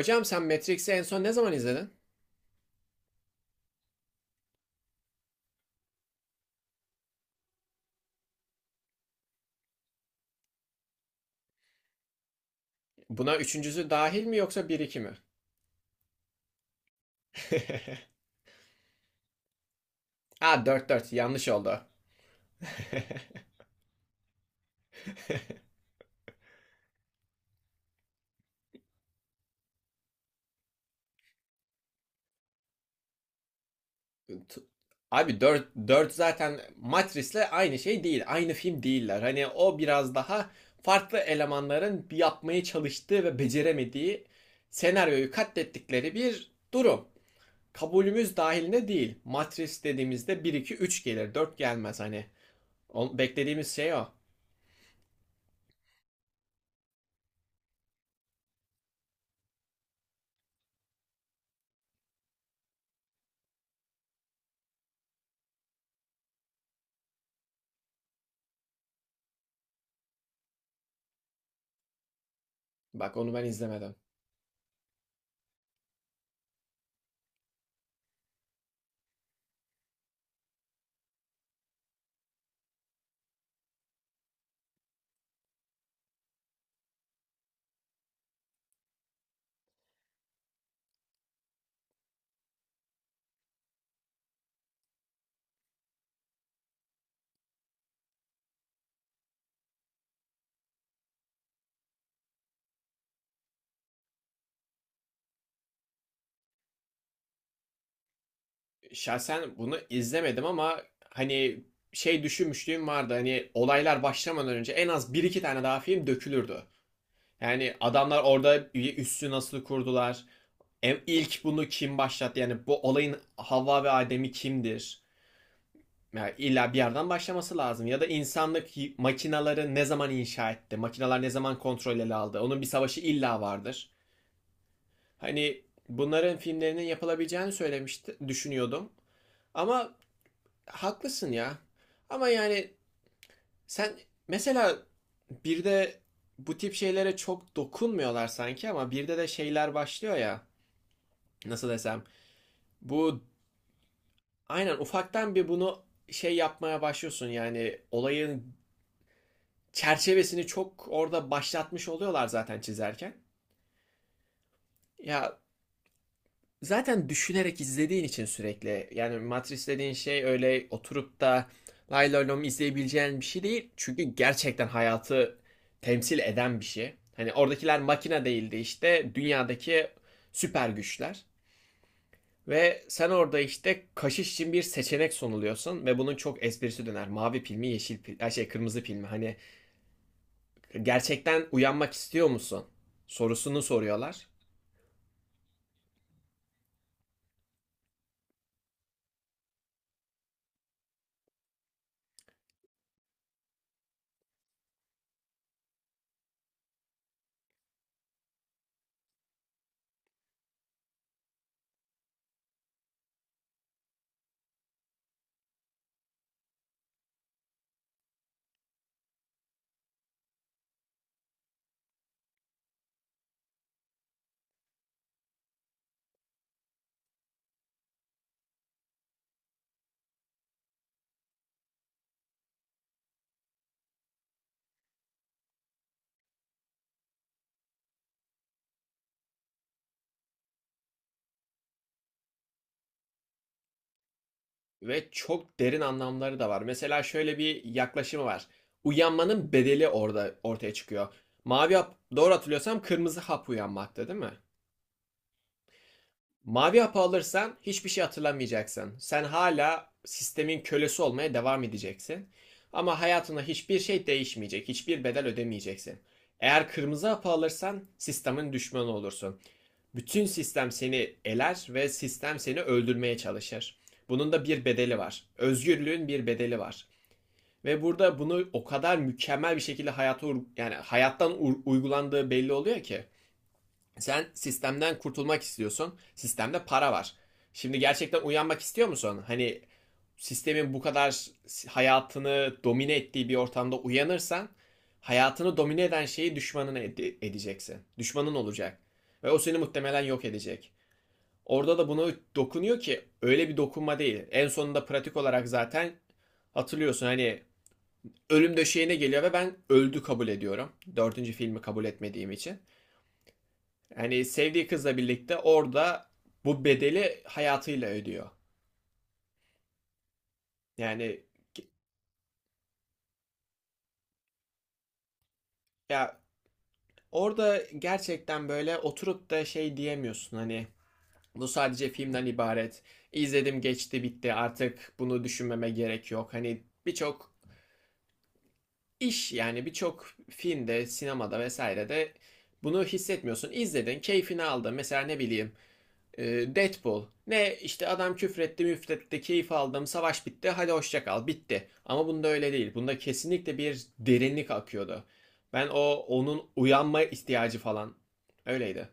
Hocam, sen Matrix'i en son ne zaman izledin? Buna üçüncüsü dahil mi yoksa bir iki mi? Ha, dört yanlış oldu. T- Abi, dört zaten Matrix'le aynı şey değil. Aynı film değiller. Hani o biraz daha farklı elemanların bir yapmaya çalıştığı ve beceremediği, senaryoyu katlettikleri bir durum. Kabulümüz dahilinde değil. Matrix dediğimizde bir 2 3 gelir, 4 gelmez hani. Beklediğimiz şey o. Bak, onu ben izlemedim. Şahsen bunu izlemedim ama hani şey düşünmüşlüğüm vardı. Hani olaylar başlamadan önce en az bir iki tane daha film dökülürdü. Yani adamlar orada üssü nasıl kurdular? İlk bunu kim başlattı? Yani bu olayın Havva ve Adem'i kimdir? Yani illa bir yerden başlaması lazım. Ya da insanlık makinaları ne zaman inşa etti? Makinalar ne zaman kontrol ele aldı? Onun bir savaşı illa vardır. Hani bunların filmlerinin yapılabileceğini söylemişti, düşünüyordum. Ama haklısın ya. Ama yani sen mesela bir de bu tip şeylere çok dokunmuyorlar sanki ama birde de şeyler başlıyor ya. Nasıl desem? Bu, aynen ufaktan bir bunu şey yapmaya başlıyorsun, yani olayın çerçevesini çok orada başlatmış oluyorlar zaten çizerken. Ya, zaten düşünerek izlediğin için sürekli, yani Matrix dediğin şey öyle oturup da lay lay lom izleyebileceğin bir şey değil. Çünkü gerçekten hayatı temsil eden bir şey. Hani oradakiler makine değildi, işte dünyadaki süper güçler. Ve sen orada işte kaşış için bir seçenek sunuluyorsun ve bunun çok esprisi döner. Mavi pil mi, yeşil pil, ay şey, kırmızı pil mi? Hani gerçekten uyanmak istiyor musun? Sorusunu soruyorlar. Ve çok derin anlamları da var. Mesela şöyle bir yaklaşımı var. Uyanmanın bedeli orada ortaya çıkıyor. Mavi hap, doğru hatırlıyorsam kırmızı hap uyanmakta değil mi? Mavi hapı alırsan hiçbir şey hatırlamayacaksın. Sen hala sistemin kölesi olmaya devam edeceksin. Ama hayatında hiçbir şey değişmeyecek, hiçbir bedel ödemeyeceksin. Eğer kırmızı hapı alırsan sistemin düşmanı olursun. Bütün sistem seni eler ve sistem seni öldürmeye çalışır. Bunun da bir bedeli var. Özgürlüğün bir bedeli var. Ve burada bunu o kadar mükemmel bir şekilde hayata, yani hayattan uygulandığı belli oluyor ki. Sen sistemden kurtulmak istiyorsun. Sistemde para var. Şimdi gerçekten uyanmak istiyor musun? Hani sistemin bu kadar hayatını domine ettiği bir ortamda uyanırsan, hayatını domine eden şeyi düşmanına edeceksin. Düşmanın olacak. Ve o seni muhtemelen yok edecek. Orada da buna dokunuyor ki öyle bir dokunma değil. En sonunda pratik olarak zaten hatırlıyorsun hani, ölüm döşeğine geliyor ve ben öldü kabul ediyorum. Dördüncü filmi kabul etmediğim için. Yani sevdiği kızla birlikte orada bu bedeli hayatıyla ödüyor. Yani ya, orada gerçekten böyle oturup da şey diyemiyorsun hani, bu sadece filmden ibaret. İzledim, geçti, bitti, artık bunu düşünmeme gerek yok. Hani birçok iş, yani birçok filmde, sinemada vesairede bunu hissetmiyorsun. İzledin, keyfini aldın. Mesela ne bileyim, Deadpool. Ne işte, adam küfretti müfretti, keyif aldım, savaş bitti, hadi hoşça kal, bitti. Ama bunda öyle değil. Bunda kesinlikle bir derinlik akıyordu. Ben o onun uyanma ihtiyacı falan öyleydi.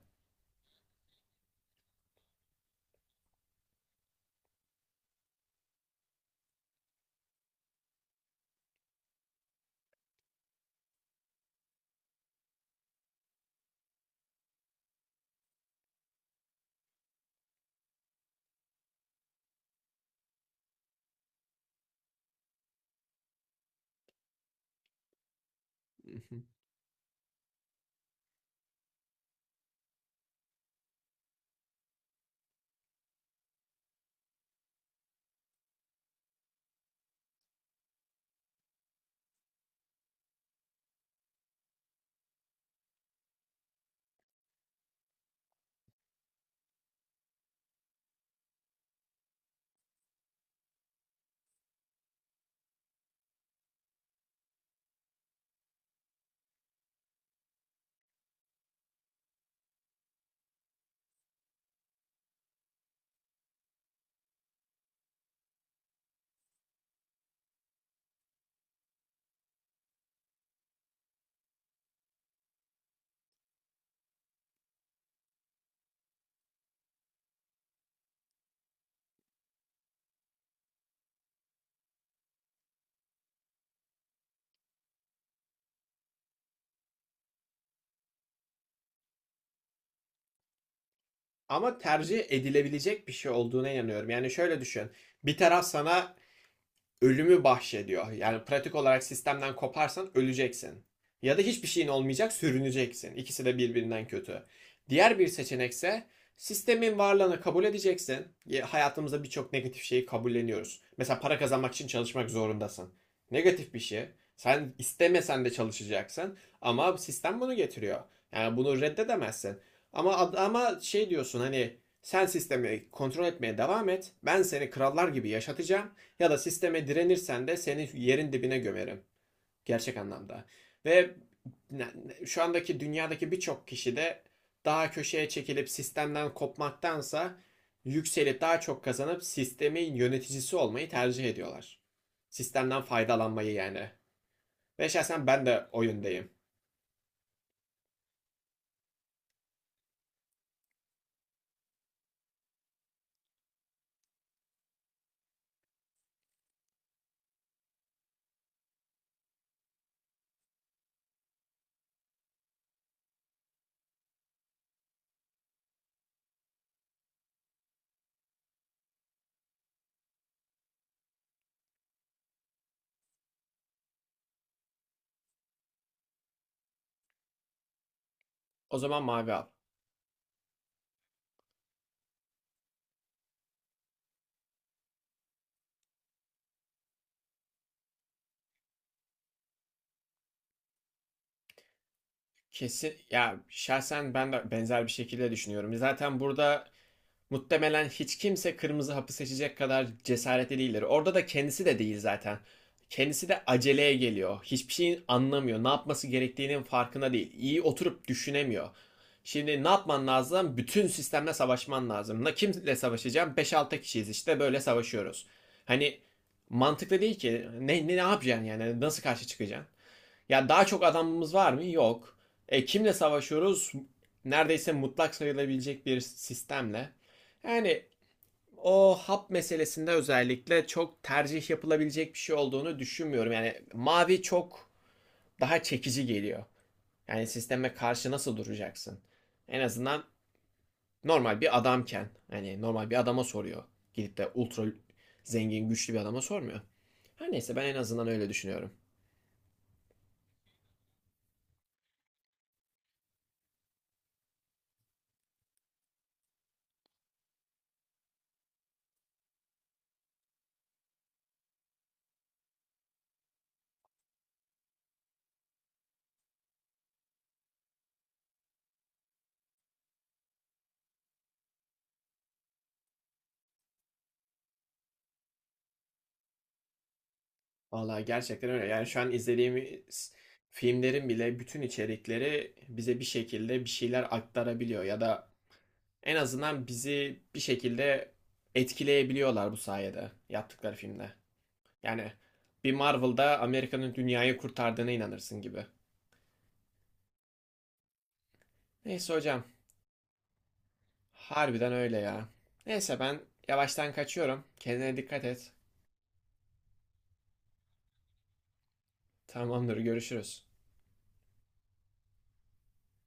Ama tercih edilebilecek bir şey olduğuna inanıyorum. Yani şöyle düşün. Bir taraf sana ölümü bahşediyor. Yani pratik olarak sistemden koparsan öleceksin. Ya da hiçbir şeyin olmayacak, sürüneceksin. İkisi de birbirinden kötü. Diğer bir seçenekse sistemin varlığını kabul edeceksin. Hayatımızda birçok negatif şeyi kabulleniyoruz. Mesela para kazanmak için çalışmak zorundasın. Negatif bir şey. Sen istemesen de çalışacaksın ama sistem bunu getiriyor. Yani bunu reddedemezsin. Ama şey diyorsun hani, sen sistemi kontrol etmeye devam et. Ben seni krallar gibi yaşatacağım. Ya da sisteme direnirsen de seni yerin dibine gömerim. Gerçek anlamda. Ve şu andaki dünyadaki birçok kişi de daha köşeye çekilip sistemden kopmaktansa yükselip daha çok kazanıp sistemin yöneticisi olmayı tercih ediyorlar. Sistemden faydalanmayı yani. Ve şahsen ben de o yöndeyim. O zaman mavi al. Kesin ya, şahsen ben de benzer bir şekilde düşünüyorum. Zaten burada muhtemelen hiç kimse kırmızı hapı seçecek kadar cesaretli değildir. Orada da kendisi de değil zaten. Kendisi de aceleye geliyor. Hiçbir şeyin anlamıyor. Ne yapması gerektiğinin farkında değil. İyi oturup düşünemiyor. Şimdi ne yapman lazım? Bütün sistemle savaşman lazım. Ne, kimle savaşacağım? Beş altı kişiyiz işte, böyle savaşıyoruz. Hani mantıklı değil ki. Ne yapacaksın yani? Nasıl karşı çıkacaksın? Ya daha çok adamımız var mı? Yok. E, kimle savaşıyoruz? Neredeyse mutlak sayılabilecek bir sistemle. Yani o hap meselesinde özellikle çok tercih yapılabilecek bir şey olduğunu düşünmüyorum. Yani mavi çok daha çekici geliyor. Yani sisteme karşı nasıl duracaksın? En azından normal bir adamken, hani normal bir adama soruyor. Gidip de ultra zengin güçlü bir adama sormuyor. Her neyse, ben en azından öyle düşünüyorum. Vallahi gerçekten öyle. Yani şu an izlediğimiz filmlerin bile bütün içerikleri bize bir şekilde bir şeyler aktarabiliyor ya da en azından bizi bir şekilde etkileyebiliyorlar bu sayede yaptıkları filmde. Yani bir Marvel'da Amerika'nın dünyayı kurtardığına inanırsın gibi. Neyse hocam, harbiden öyle ya. Neyse ben yavaştan kaçıyorum. Kendine dikkat et. Tamamdır, görüşürüz.